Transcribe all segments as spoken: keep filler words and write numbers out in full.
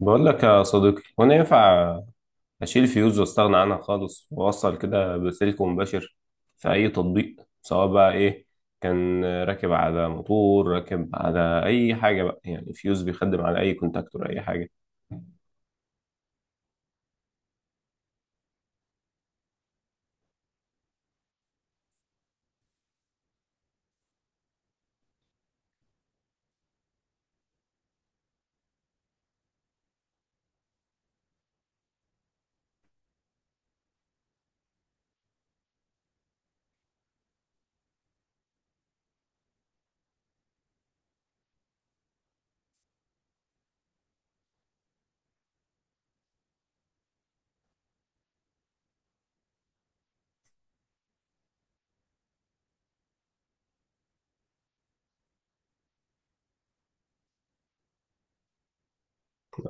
بقول لك يا صديقي، وانا ينفع اشيل فيوز واستغنى عنها خالص واوصل كده بسلك مباشر في اي تطبيق، سواء بقى ايه كان راكب على موتور، راكب على اي حاجه، بقى يعني فيوز بيخدم على اي كونتاكتور، اي حاجه.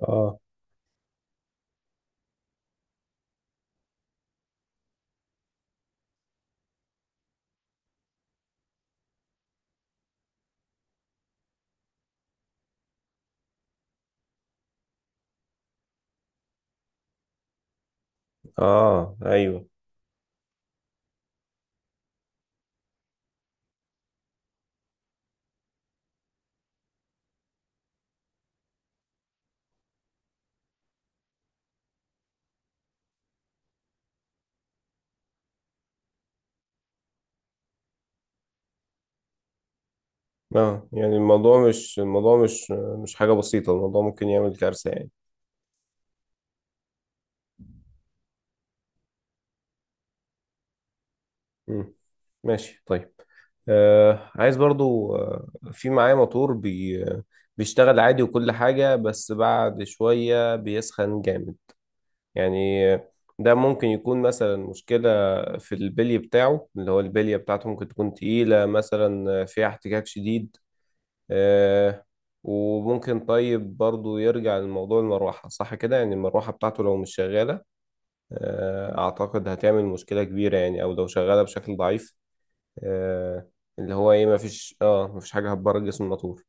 اه، اه، ايوه، اه، يعني الموضوع مش الموضوع مش مش حاجه بسيطه، الموضوع ممكن يعمل كارثه يعني. مم. ماشي، طيب. آه عايز برضو، آه في معايا موتور بي بيشتغل عادي وكل حاجة، بس بعد شوية بيسخن جامد يعني. ده ممكن يكون مثلا مشكلة في البلي بتاعه، اللي هو البلية بتاعته ممكن تكون تقيلة مثلا، فيها احتكاك شديد. آه وممكن طيب، برضو يرجع لموضوع المروحة، صح كده؟ يعني المروحة بتاعته لو مش شغالة، آه أعتقد هتعمل مشكلة كبيرة يعني، أو لو شغالة بشكل ضعيف، آه، اللي هو ايه، مفيش اه مفيش حاجة هتبرد جسم على طول.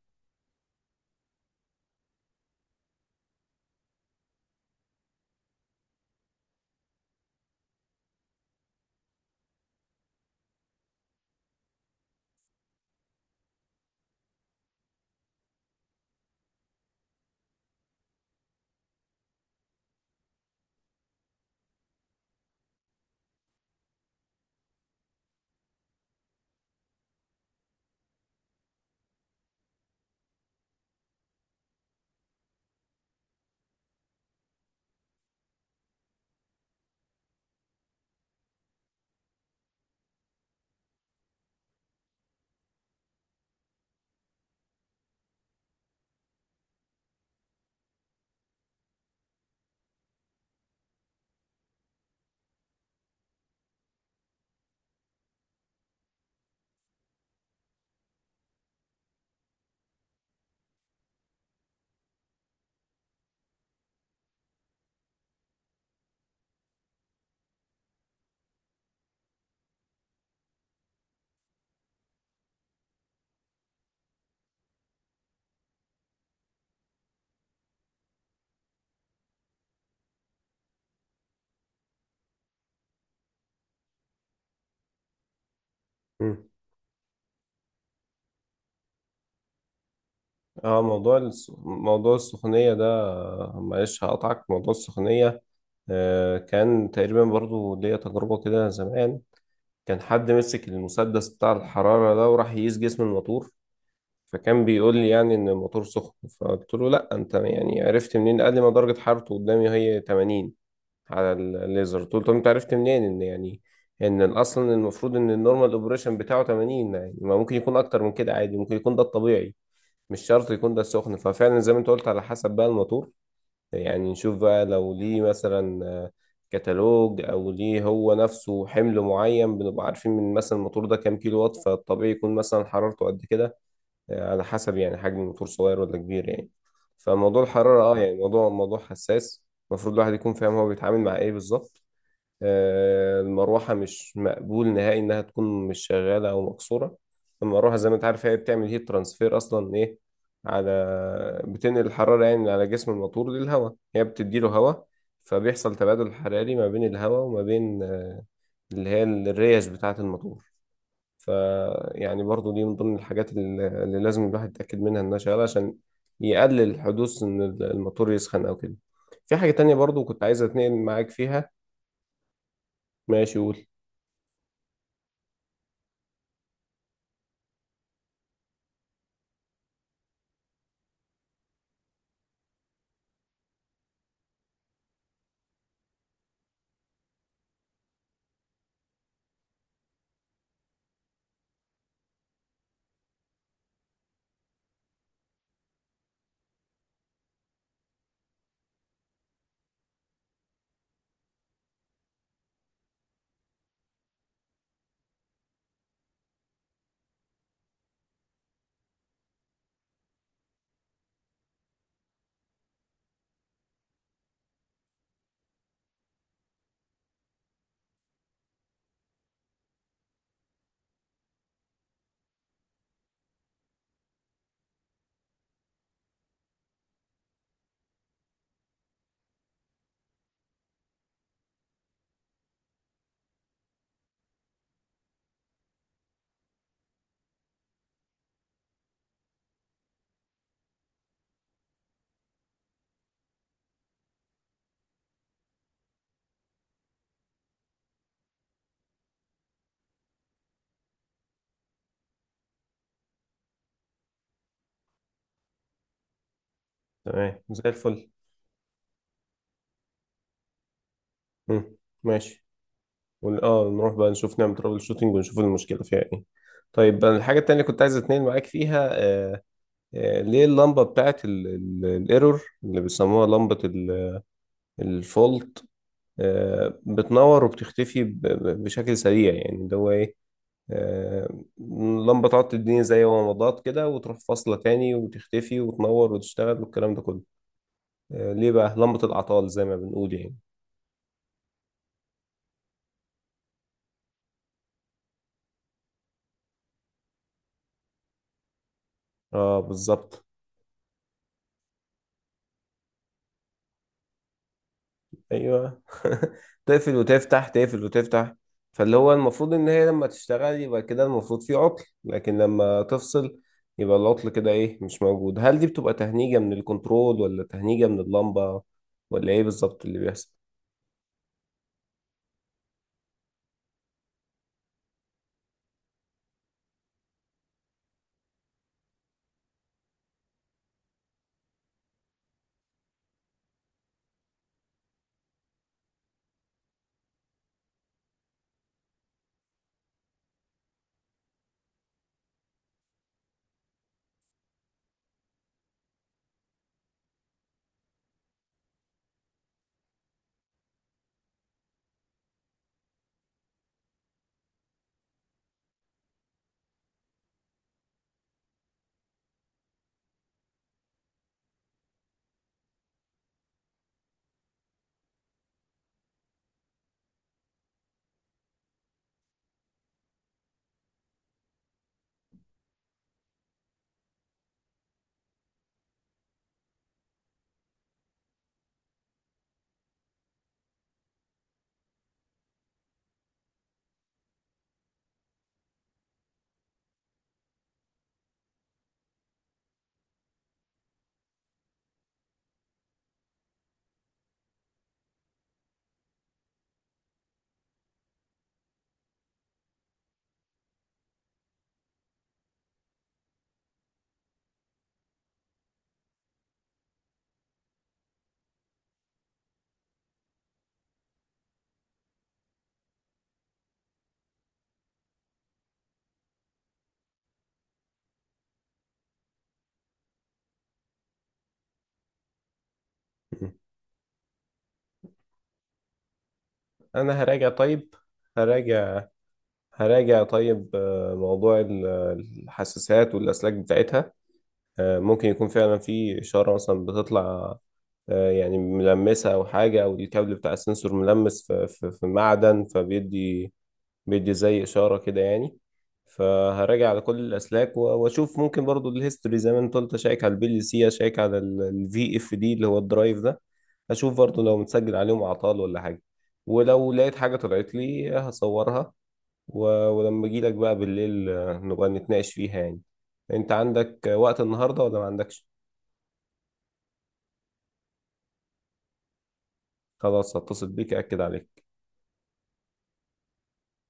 مم. اه موضوع الس- موضوع السخونية ده، آه، معلش هقطعك، موضوع السخونية. آه، كان تقريبا برضو ليا تجربة كده زمان. كان حد مسك المسدس بتاع الحرارة ده، وراح يقيس جسم الموتور، فكان بيقول لي يعني ان الموتور سخن. فقلت له: لا، انت يعني عرفت منين؟ قال لي: ما درجة حرارته قدامي هي ثمانين على الليزر طول. طب انت عرفت منين ان يعني ان اصلا المفروض ان النورمال اوبريشن بتاعه ثمانين؟ يعني ما ممكن يكون اكتر من كده عادي، ممكن يكون ده الطبيعي، مش شرط يكون ده السخن. ففعلا زي ما انت قلت على حسب بقى الموتور، يعني نشوف بقى لو ليه مثلا آه، كتالوج، او ليه هو نفسه حمل معين، بنبقى عارفين من مثلا الموتور ده كام كيلو وات، فالطبيعي يكون مثلا حرارته قد كده. آه، على حسب يعني حجم الموتور صغير ولا كبير يعني. فموضوع الحرارة اه يعني موضوع موضوع حساس. المفروض الواحد يكون فاهم هو بيتعامل مع ايه بالظبط. آه، المروحة مش مقبول نهائي إنها تكون مش شغالة أو مكسورة. المروحة زي ما أنت عارف، هي بتعمل هيت ترانسفير أصلا، إيه؟ على بتنقل الحرارة يعني من على جسم الموتور للهواء، هي بتديله هواء. فبيحصل تبادل حراري ما بين الهواء وما بين آه، اللي هي الريش بتاعة الموتور. ف يعني برضو دي من ضمن الحاجات اللي اللي لازم الواحد يتأكد منها إنها شغالة، عشان يقلل حدوث إن الموتور يسخن أو كده. في حاجة تانية برضو كنت عايز أتنقل معاك فيها. ماشي، قول. تمام زي الفل. مم. ماشي. وال- اه نروح بقى نشوف، نعمل ترابل شوتنج ونشوف المشكلة فيها ايه. طيب، أنا الحاجة التانية اللي كنت عايز اتنين معاك فيها، آه آه ليه اللمبة بتاعت ال- ال- الايرور اللي بيسموها لمبة ال- الفولت آه بتنور وبتختفي ب- ب- بشكل سريع يعني، اللي هو ايه؟ آه اللمبة تقعد تديني زي ومضات كده، وتروح فاصلة تاني، وتختفي وتنور وتشتغل، والكلام ده كله. آه ليه بقى لمبة العطال زي ما بنقول يعني؟ اه، بالظبط. ايوه. تقفل وتفتح، تقفل وتفتح. فاللي هو المفروض ان هي لما تشتغل يبقى كده المفروض في عطل، لكن لما تفصل يبقى العطل كده ايه؟ مش موجود. هل دي بتبقى تهنيجة من الكنترول ولا تهنيجة من اللمبة ولا ايه بالظبط اللي بيحصل؟ مم. انا هراجع، طيب. هراجع هراجع، طيب. آه، موضوع ال- الحساسات والاسلاك بتاعتها. آه، ممكن يكون فعلا في اشارة مثلا بتطلع، آه، يعني ملمسة أو حاجة، أو الكابل بتاع السنسور ملمس في في في معدن، فبيدي بيدي زي إشارة كده يعني. فهراجع على كل الأسلاك و- وأشوف، ممكن برضو الهيستوري زي ما أنت قلت، أشيك على البي ال سي، أشيك على الفي اف دي اللي هو الدرايف ده. أشوف برضو لو متسجل عليهم أعطال ولا حاجة، ولو لقيت حاجة طلعت لي هصورها. و- ولما أجيلك بقى بالليل، آه، نبقى نتناقش فيها يعني. أنت عندك وقت النهاردة ولا ما عندكش؟ خلاص، هتصل بيك أكد عليك.